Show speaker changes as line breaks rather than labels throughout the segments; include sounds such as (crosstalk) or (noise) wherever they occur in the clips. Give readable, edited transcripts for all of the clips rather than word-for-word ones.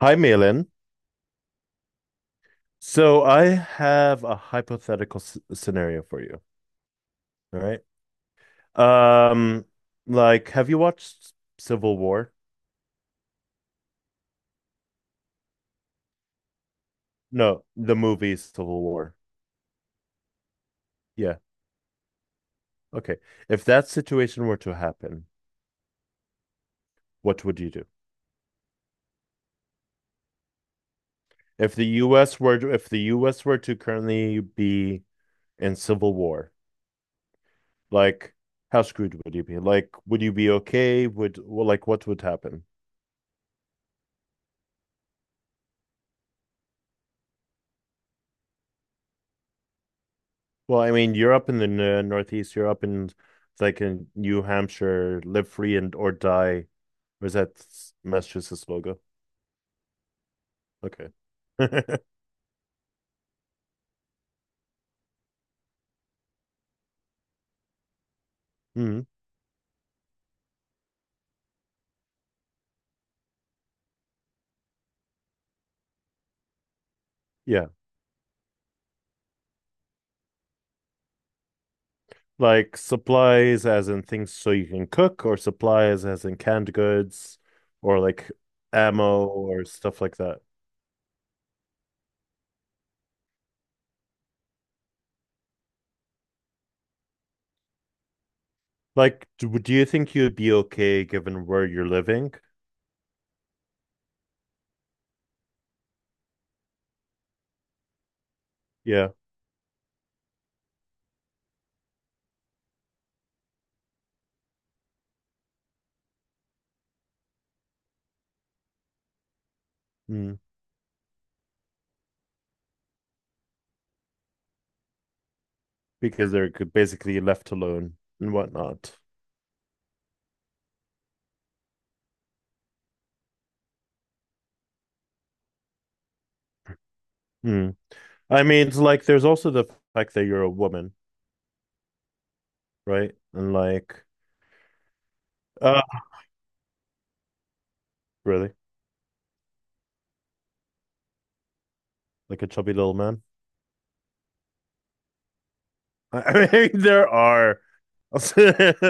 Hi, Malin. So I have a hypothetical s scenario for you. All right. Um, have you watched Civil War? No, the movie Civil War. Yeah. Okay. If that situation were to happen, what would you do? If the US were to, if the US were to currently be in civil war, like, how screwed would you be? Like, would you be okay? Like, what would happen? Well, I mean, you're up in the Northeast. You're up in like in New Hampshire. Live free and or die. Or is that Massachusetts logo? Okay. (laughs) hmm Yeah. Like supplies as in things so you can cook, or supplies as in canned goods, or like ammo or stuff like that. Like, do you think you'd be okay given where you're living? Yeah. Mm. Because they're basically left alone and whatnot. Mm. I mean, it's like there's also the fact that you're a woman, right? And like, uh, really, like a chubby little man. (laughs) I mean, there are. (laughs)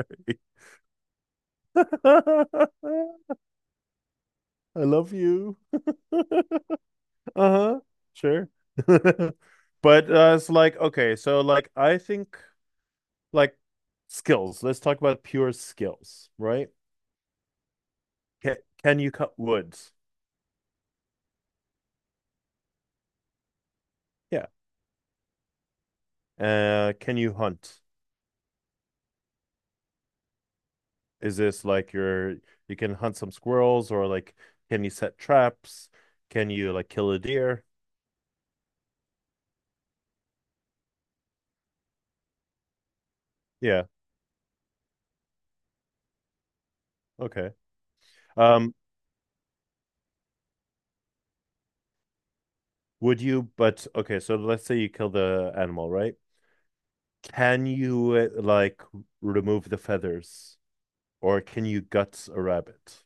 I love you. (laughs) Uh-huh. Sure. (laughs) But it's like, okay, so like I think like skills. Let's talk about pure skills, right? Can, can you cut woods? Yeah. Can you hunt? Is this like your you can hunt some squirrels or like can you set traps? Can you like kill a deer? Yeah, okay. Um, would you but okay, so let's say you kill the animal, right? Can you like remove the feathers or can you guts a rabbit?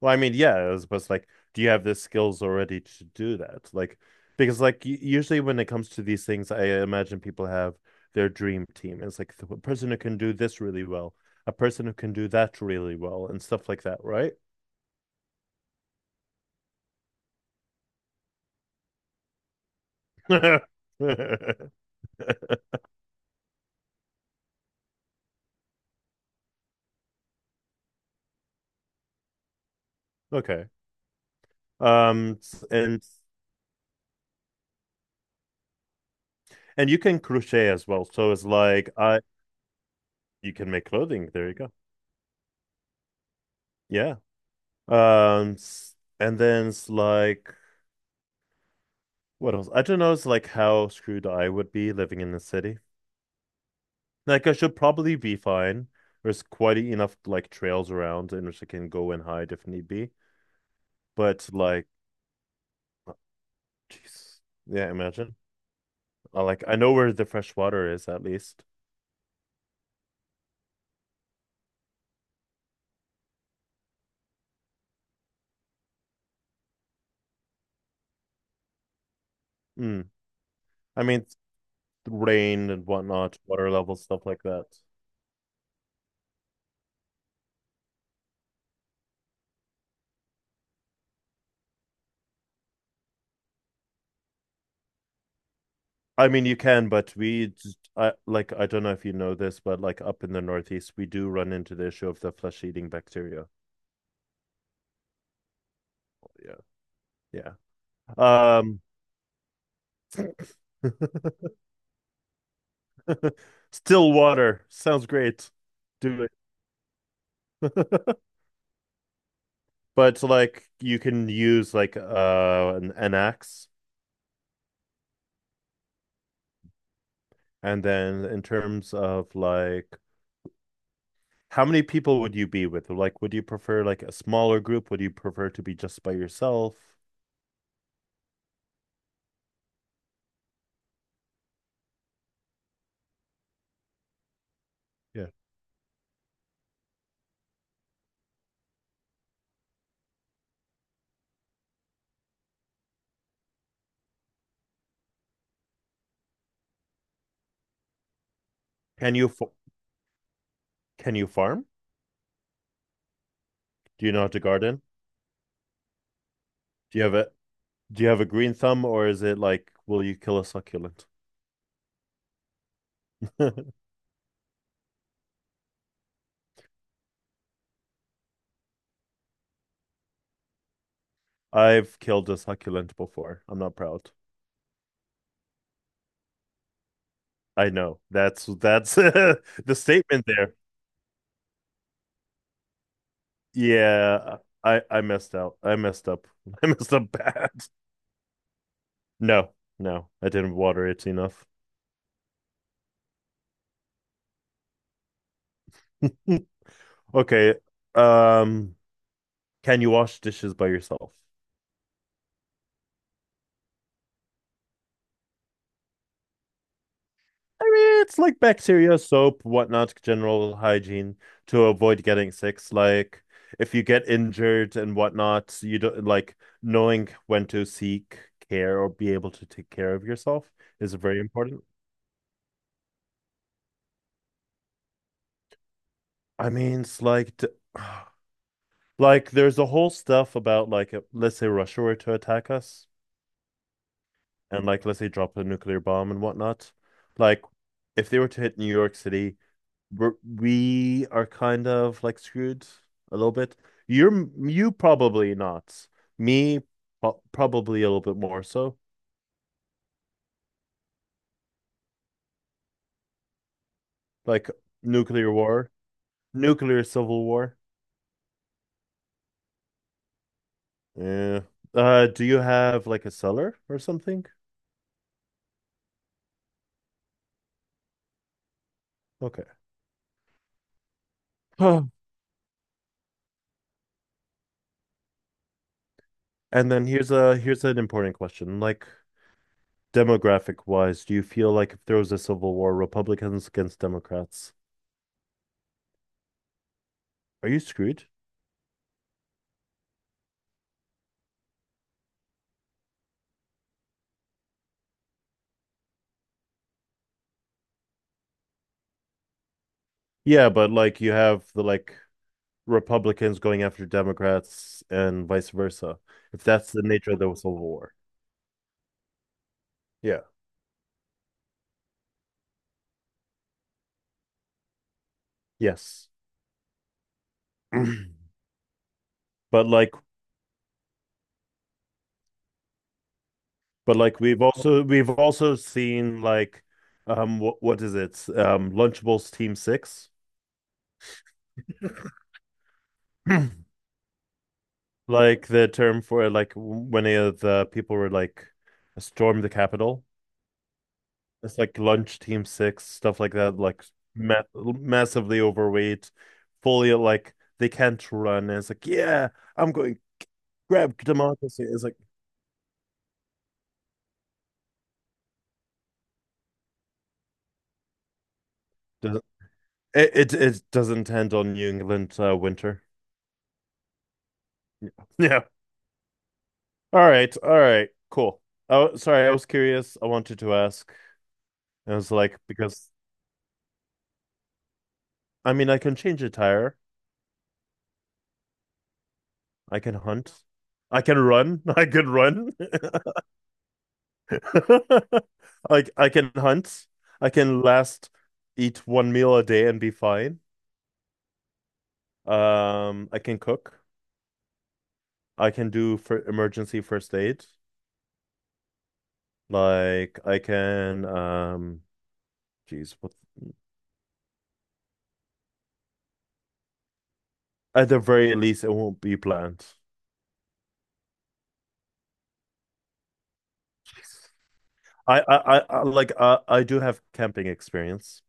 Well, I mean, yeah, as opposed to like, do you have the skills already to do that? Like, because like usually when it comes to these things, I imagine people have their dream team. It's like the person who can do this really well, a person who can do that really well, and stuff like that, right? (laughs) Okay. And you can crochet as well. So it's like I you can make clothing. There you go. Yeah. Um, s- and then it's like what else? I don't know. It's like how screwed I would be living in the city. Like I should probably be fine. There's quite enough like trails around in which I can go and hide if need be. But like, oh, jeez, yeah, imagine. I, like I know where the fresh water is at least. Mm. I mean, it's rain and whatnot, water levels, stuff like that. I mean, you can, but we just, I like I don't know if you know this, but like up in the Northeast, we do run into the issue of the flesh-eating bacteria. Yeah, yeah. Um, (laughs) still water sounds great. Do it. (laughs) But like you can use like an axe and then in terms of like how many people would you be with? Like would you prefer like a smaller group? Would you prefer to be just by yourself? Yeah. Can you can you farm? Do you know how to garden? Do you have a do you have a green thumb or is it like will you kill a succulent? (laughs) I've killed a succulent before. I'm not proud. I know. That's (laughs) the statement there. Yeah, I messed out. I messed up. (laughs) I messed up bad. No, no, I didn't water it enough. (laughs) Okay. Um, can you wash dishes by yourself? I mean, it's like bacteria, soap, whatnot, general hygiene to avoid getting sick. Like, if you get injured and whatnot, you don't like knowing when to seek care or be able to take care of yourself is very important. I mean, it's like, (sighs) like, there's a whole stuff about like, let's say Russia were to attack us, and like, let's say drop a nuclear bomb and whatnot. Like, if they were to hit New York City, we are kind of like screwed a little bit. You're you probably not. Me, probably a little bit more so. Like nuclear war, nuclear civil war. Yeah. Do you have like a cellar or something? Okay. (sighs) And then here's a here's an important question. Like, demographic wise, do you feel like if there was a civil war, Republicans against Democrats, are you screwed? Yeah, but like you have the like Republicans going after Democrats and vice versa. If that's the nature of the civil war. Yeah. Yes. (clears throat) But like but like we've also seen like what is it? Um, Lunchables Team Six. (clears throat) Like the term for like when the people were like storm the Capitol. It's like lunch team six, stuff like that, like ma massively overweight, fully like they can't run. And it's like, yeah, I'm going grab democracy. It's like does it, it doesn't end on New England winter. (laughs) Yeah. Yeah. All right. All right. Cool. Oh, sorry. I was curious. I wanted to ask. I was like, because I mean, I can change a tire. I can hunt. I can run. (laughs) I can run. (laughs) Like I can hunt. I can last eat one meal a day and be fine. I can cook. I can do for emergency first aid. Like I can geez, what at the very least it won't be planned. I like I do have camping experience.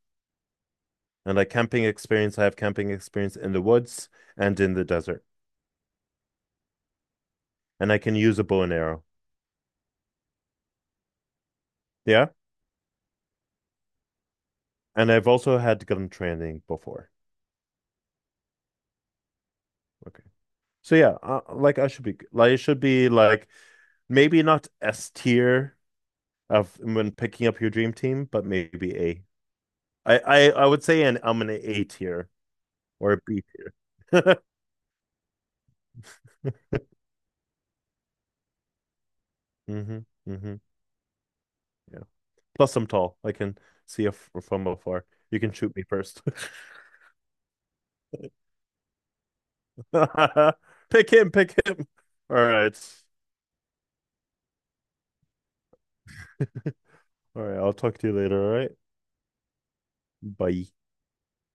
And like camping experience, I have camping experience in the woods and in the desert. And I can use a bow and arrow. Yeah. And I've also had gun training before. Okay. So yeah, like I should be like it should be like maybe not S tier of when picking up your dream team, but maybe A. I would say an I'm an A tier or a B tier. (laughs) Mm-hmm. Mm-hmm. Yeah. Plus I'm tall. I can see if from afar. You can shoot me first. (laughs) Pick him, pick him. All right. All right, I'll talk to you later, all right? Bye.